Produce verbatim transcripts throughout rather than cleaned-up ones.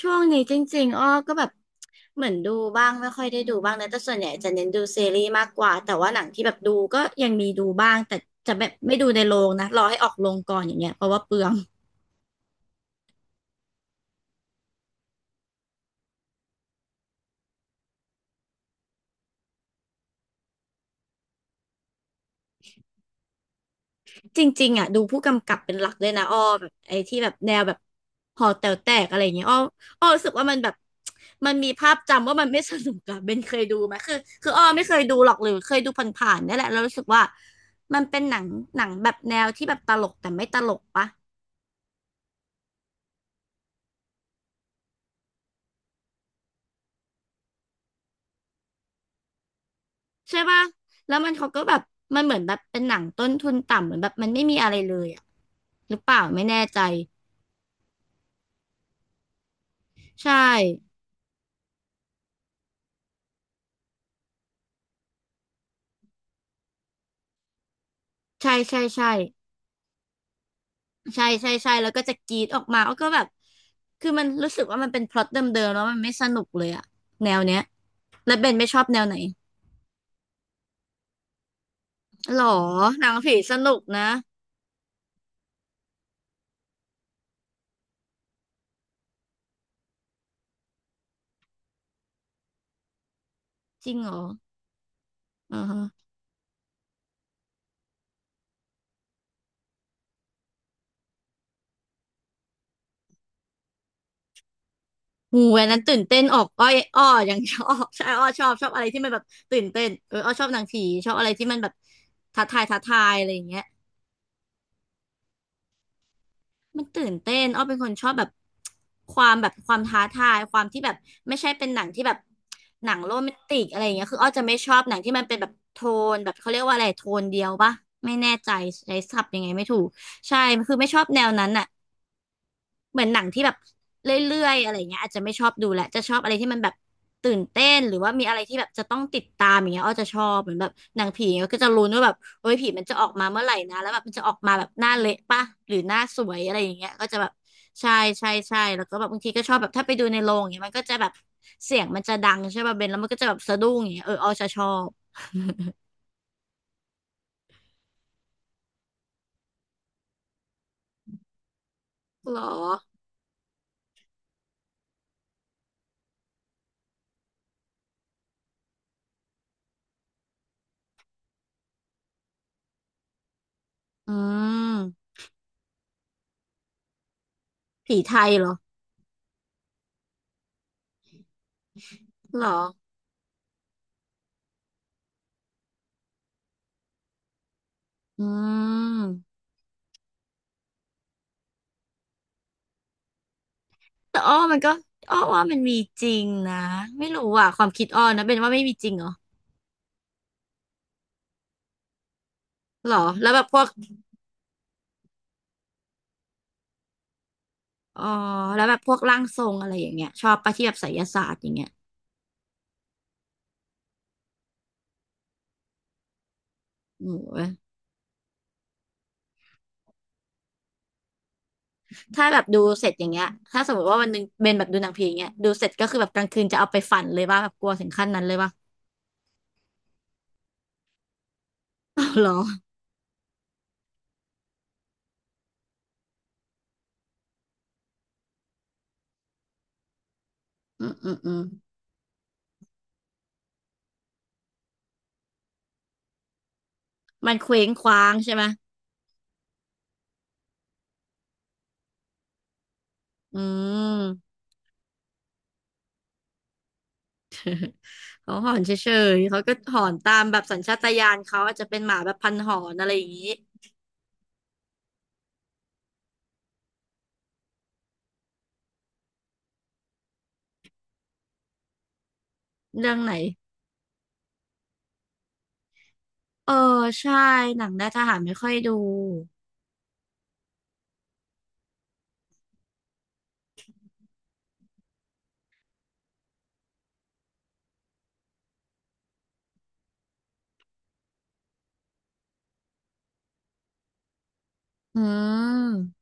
ช่วงนี้จริงๆอ้อก็แบบเหมือนดูบ้างไม่ค่อยได้ดูบ้างนะแต่ส่วนใหญ่จะเน้นดูซีรีส์มากกว่าแต่ว่าหนังที่แบบดูก็ยังมีดูบ้างแต่จะแบบไม่ดูในโรงนะรอให้ออกโรงก่อนอย่างเงี้ยเพราะว่าเปลืองจริงๆอ่ะดูผู้กำกับเป็นหลักเลยนะอ้อแบบไอ้ที่แบบแนวแบบหอแต๋วแตกอะไรอย่างเงี้ยอ้ออ้อรู้สึกว่ามันแบบมันมีภาพจำว่ามันไม่สนุกอะเบนเคยดูไหมคือคืออ้อไม่เคยดูหรอกหรือเคยดูผ่านๆเนี่ยแหละแล้วรู้สึกว่ามันเป็นหนังหนังแบบแนวที่แบบตลกแต่ไม่ตลกปะ ใช่ป่ะแล้วมันเขาก็แบบมันเหมือนแบบเป็นหนังต้นทุนต่ำเหมือนแบบมันไม่มีอะไรเลยอ่ะหรือเปล่าไม่แน่ใจใช่ใช่ใช่ใช่ใช่ใช่ใช่แล้วก็จะกรีดออกมาเลาก็แบบคือมันรู้สึกว่ามันเป็นพล็อตเดิมๆแล้วมันไม่สนุกเลยอ่ะแนวเนี้ยแล้วเบนไม่ชอบแนวไหนหรอหนังผีสนุกนะจริงเหรออือฮะงูอันนั้นตื่นเต้นออกอ้อยอ้ออย่างชอบ ใช่อ้อชอบชอบอะไรที่มันแบบตื่นเต้นเอออ้อชอบหนังผีชอบอะไรที่มันแบบท้าทายท้าทายอะไรอย่างเงี้ย มันตื่นเต้นอ้อเป็นคนชอบแบบความแบบความท้าทายความที่แบบไม่ใช่เป็นหนังที่แบบหนังโรแมนติกอะไรอย่างเงี้ยคืออ้อจะไม่ชอบหนังที่มันเป็นแบบโทนแบบเขาเรียกว่าอะไรโทนเดียวปะไม่แน่ใจใช้ศัพท์ยังไงไม่ถูกใช่คือไม่ชอบแนวนั้นอ่ะ เหมือนหนังที่แบบเรื่อยๆอะไรเงี้ยอาจจะไม่ชอบดูแหละจะชอบอะไรที่มันแบบตื่นเต้นหรือว่ามีอะไรที่แบบจะต้องติดตามอย่างเงี้ยอ้อจะชอบเหมือนแบบหนังผีก็จะลุ้นว่าแบบโอ้ยผีมันจะออกมาเมื่อไหร่นะแล้วแบบมันจะออกมาแบบหน้าเละปะหรือหน้าสวยอะไรอย่างเงี้ยก็จะแบบใช่ใช่ใช่แล้วก็แบบบางทีก็ชอบแบบถ้าไปดูในโรงอย่างเงี้ยมันก็จะแบบเสียงมันจะดังใช่ป่ะเบนแล้วมันก็จะแบบสะดุ้งอย่างเงี้ยเอออ้อจะชอบเหรออืมผีไทยเหรอเหรออืม แต่อ้อมันก็อ้อว่ามันมีจริงนะไม่รู้อ่ะความคิดอ้อนะเป็นว่าไม่มีจริงเหรอหรอแล้วแบบพวกอ๋อแล้วแบบพวกร่างทรงอะไรอย่างเงี้ยชอบปะที่แบบไสยศาสตร์อย่างเงี้ยโอ้ยถ้าแบบดูเสร็จอย่างเงี้ยถ้าสมมติว่าวันหนึงเบนแบบดูหนังผีอย่างเงี้ยดูเสร็จก็คือแบบกลางคืนจะเอาไปฝันเลยว่าแบบกลัวถึงขั้นนั้นเลยว่า หรออืมอืมอืมมันเคว้งคว้างใช่ไหมอืมเขาหอนเฉยๆเขาก็หอนตามแบบสัญชาตญาณเขาอาจจะเป็นหมาแบบพันหอนอะไรอย่างงี้เรื่องไหน เออใช่หนังได้ทหารไม่ค่อยดูอืม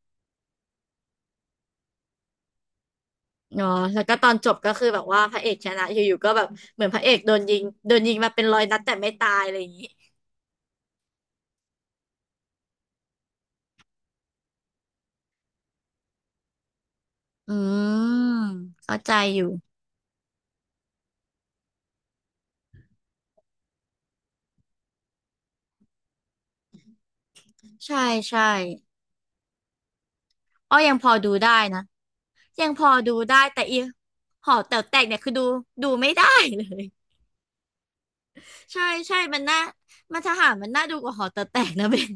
เนาะแล้วก็ตอนจบก็คือแบบว่าพระเอกชนะอยู่ๆก็แบบเหมือนพระเอกโดนยิงโดนยิงมาเป็นร้อยนัดแต่ไม่ตายอะไรอย่างนี้อืมเข้าใจอยู่ใช่ใช่อ้อยังพอดูได้นะยังพอดูได้แต่อีหอแต๋วแตกเนี่ยคือดูดูไม่ได้เลยใช่ใช่มันน่ามันทหารมันน่าดูกว่าหอแต๋วแตกนะ เบน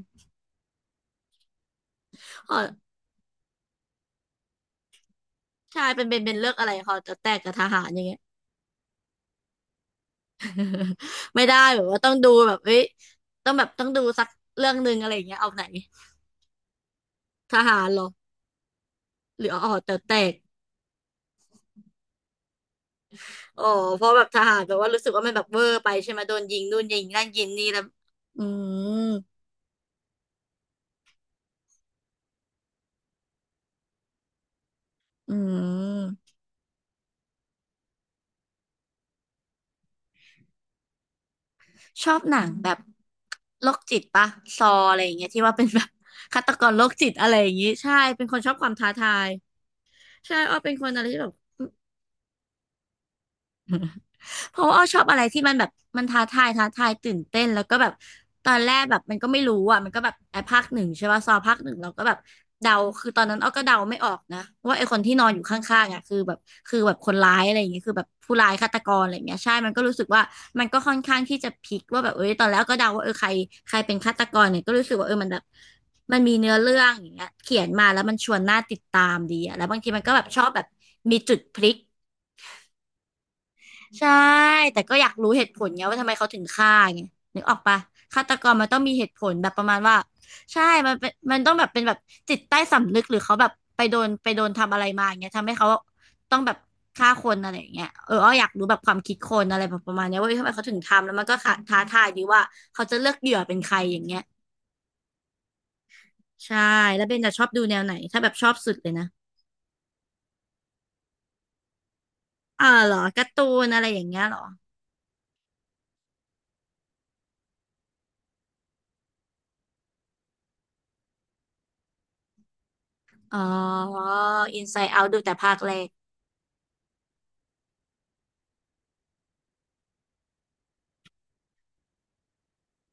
หอใช่เป็นเบนเบนเลือกอะไรหอแต๋วแตกกับทหารอย่างเงี้ย ไม่ได้แบบว่าต้องดูแบบเอ้ยต้องแบบต้องดูสักเรื่องหนึ่งอะไรอย่างเงี้ยเอาไหนทหารเหรอหรืออ๋อแต่แตกอ๋อเพราะแบบทหารแบบว่ารู้สึกว่ามันแบบเวอร์ไปใช่ไหมโดนยิงนู่นยิงนั่นยิงนี่แล้วอืมอืมชอบหนังแบบโรคจิตปะซออะไรอย่างเงี้ยที่ว่าเป็นแบบ ฆาตกรโรคจิตอะไรอย่างงี้ใช่เป็นคนชอบความท้าทายใช่อ้อเป็นคนอะไรที่แบบ เพราะว่าอ้อชอบอะไรที่มันแบบมันท้าทายท้าทายตื่นเต้นแล้วก็แบบตอนแรกแบบมันก็ไม่รู้อ่ะมันก็แบบไอ้ภาคหนึ่งใช่ป่ะซอภาคหนึ่งเราก็แบบเดาคือตอนนั้นอ้อก็เดาไม่ออกนะว่าไอ้คนที่นอนอยู่ข้างๆอ่ะคือแบบคือแบบคนร้ายอะไรอย่างเงี้ยคือแบบผู้ร้ายฆาตกรอะไรอย่างเงี้ยใช่มันก็รู้สึกว่ามันก็ค่อนข้างที่จะพลิกว่าแบบเอ้ยตอนแรกก็เดาว่าเออใครใครเป็นฆาตกรเนี่ยก็รู้สึกว่าเออมันแบบมันมีเนื้อเรื่องอย่างเงี้ยเขียนมาแล้วมันชวนน่าติดตามดีอะแล้วบางทีมันก็แบบชอบแบบมีจุดพลิก ใช่ แต่ก็อยากรู้เหตุผลไงว่าทำไมเขาถึงฆ่าไงนึกออกปะฆาตกรมันต้องมีเหตุผลแบบประมาณว่าใช่มันเป็นมันต้องแบบเป็นแบบจิตใต้สำนึกหรือเขาแบบไปโดนไปโดนทำอะไรมาอย่างเงี้ยทำให้เขาต้องแบบฆ่าคนอะไรอย่างเงี้ยเอออ้ออยากรู้แบบความคิดคนอะไรแบบประมาณเนี้ยว่าเอ้ยทำไมเขาถึงทำแล้วมันก็ท้าท้าทายดีว่าเขาจะเลือกเหยื่อเป็นใครอย่างเงี้ยใช่แล้วเบนจะชอบดูแนวไหนถ้าแบบชอบสุดเลยนะอ่าเหรอการ์ตูนอะไรอย่างเงี้ยเหรออ๋อ Inside Out ดูแต่ภาคแรก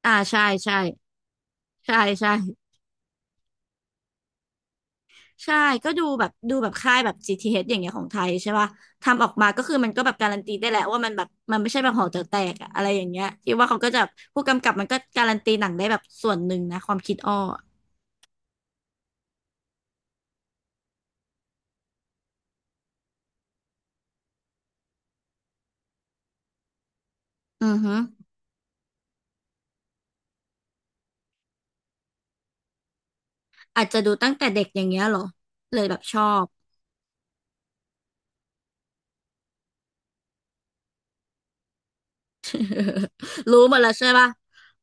อ่าใช่ใช่ ใช่ใช่ใช่ก็ดูแบบดูแบบค่ายแบบจีทีเอชอย่างเงี้ยของไทยใช่ป่ะทำออกมาก็คือมันก็แบบการันตีได้แหละว่ามันแบบมันไม่ใช่แบบหอแต๋วแตกอะอะไรอย่างเงี้ยที่ว่าเขาก็จะผู้กำกับมันก็การันตีหนังได้แบบส่วนหนึ่งนะความคิดอ้ออะอือฮึอาจจะดูตั้งแต่เด็กอย่างเงี้ยเหรอเลยแบบชอบ รู้หมดแล้วใช่ป่ะ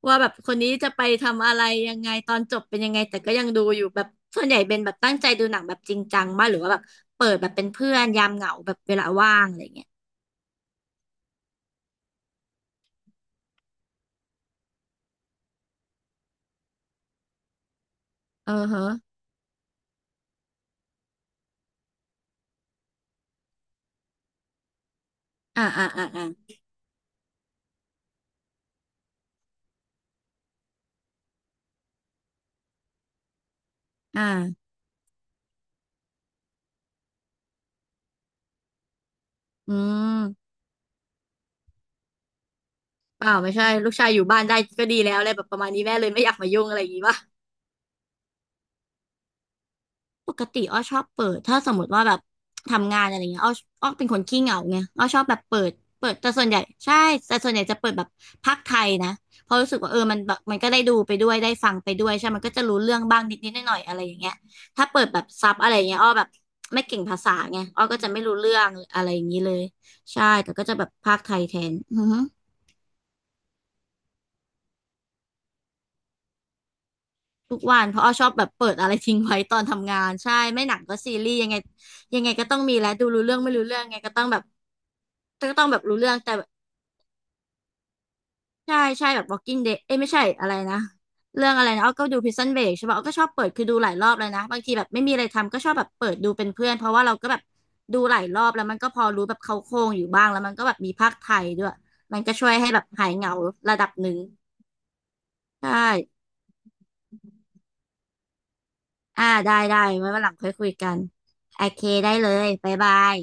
ว่าแบบคนนี้จะไปทำอะไรยังไงตอนจบเป็นยังไงแต่ก็ยังดูอยู่แบบส่วนใหญ่เป็นแบบตั้งใจดูหนังแบบจริงจังมากหรือว่าแบบเปิดแบบเป็นเพื่อนยามเหงาแบบเวลาว่างอะไรเงี้ยเออฮะ อ่าอ่าอ่าอ่าอ่าอืมเปล่าไม่ใช่ลูกชายอยู่บ้านได้ก็ดีแล้วอะไรแบบประมาณนี้แม่เลยไม่อยากมายุ่งอะไรอย่างงี้ป่ะปกติอ้อชอบเปิดถ้าสมมติว่าแบบทำงานอะไรเงี้ยอ้ออ้อเป็นคนขี้เหงาไงอ้อชอบแบบเปิดเปิดแต่ส่วนใหญ่ใช่แต่ส่วนใหญ่จะเปิดแบบพากย์ไทยนะเพราะรู้สึกว่าเออมันแบบมันก็ได้ดูไปด้วยได้ฟังไปด้วยใช่มันก็จะรู้เรื่องบ้างนิดนิดหน่อยหน่อยๆอะไรอย่างเงี้ยถ้าเปิดแบบซับอะไรเงี้ยอ้อแบบไม่เก่งภาษาไงอ้อก็จะไม่รู้เรื่องอะไรอย่างนี้เลยใช่แต่ก็จะแบบพากย์ไทยแทนอือฮึ ทุกวันเพราะอ้อชอบแบบเปิดอะไรทิ้งไว้ตอนทำงานใช่ไม่หนังก็ซีรีส์ยังไงยังไงก็ต้องมีแหละดูรู้เรื่องไม่รู้เรื่องไงก็ต้องแบบก็ต้องแบบรู้เรื่องแต่ใช่ใช่แบบ Walking Dead เอ้ยไม่ใช่อะไรนะเรื่องอะไรนะอ้อก็ดู Prison Break ใช่ป่ะอ้อก็ชอบเปิดคือดูหลายรอบเลยนะบางทีแบบไม่มีอะไรทำก็ชอบแบบเปิดดูเป็นเพื่อนเพราะว่าเราก็แบบดูหลายรอบแล้วมันก็พอรู้แบบเขาโครงอยู่บ้างแล้วมันก็แบบมีภาคไทยด้วยมันก็ช่วยให้แบบหายเหงาระดับหนึ่งใช่ อ่าได้ได้ไว้วันหลังค่อยคุยกันโอเคได้เลยบ๊ายบาย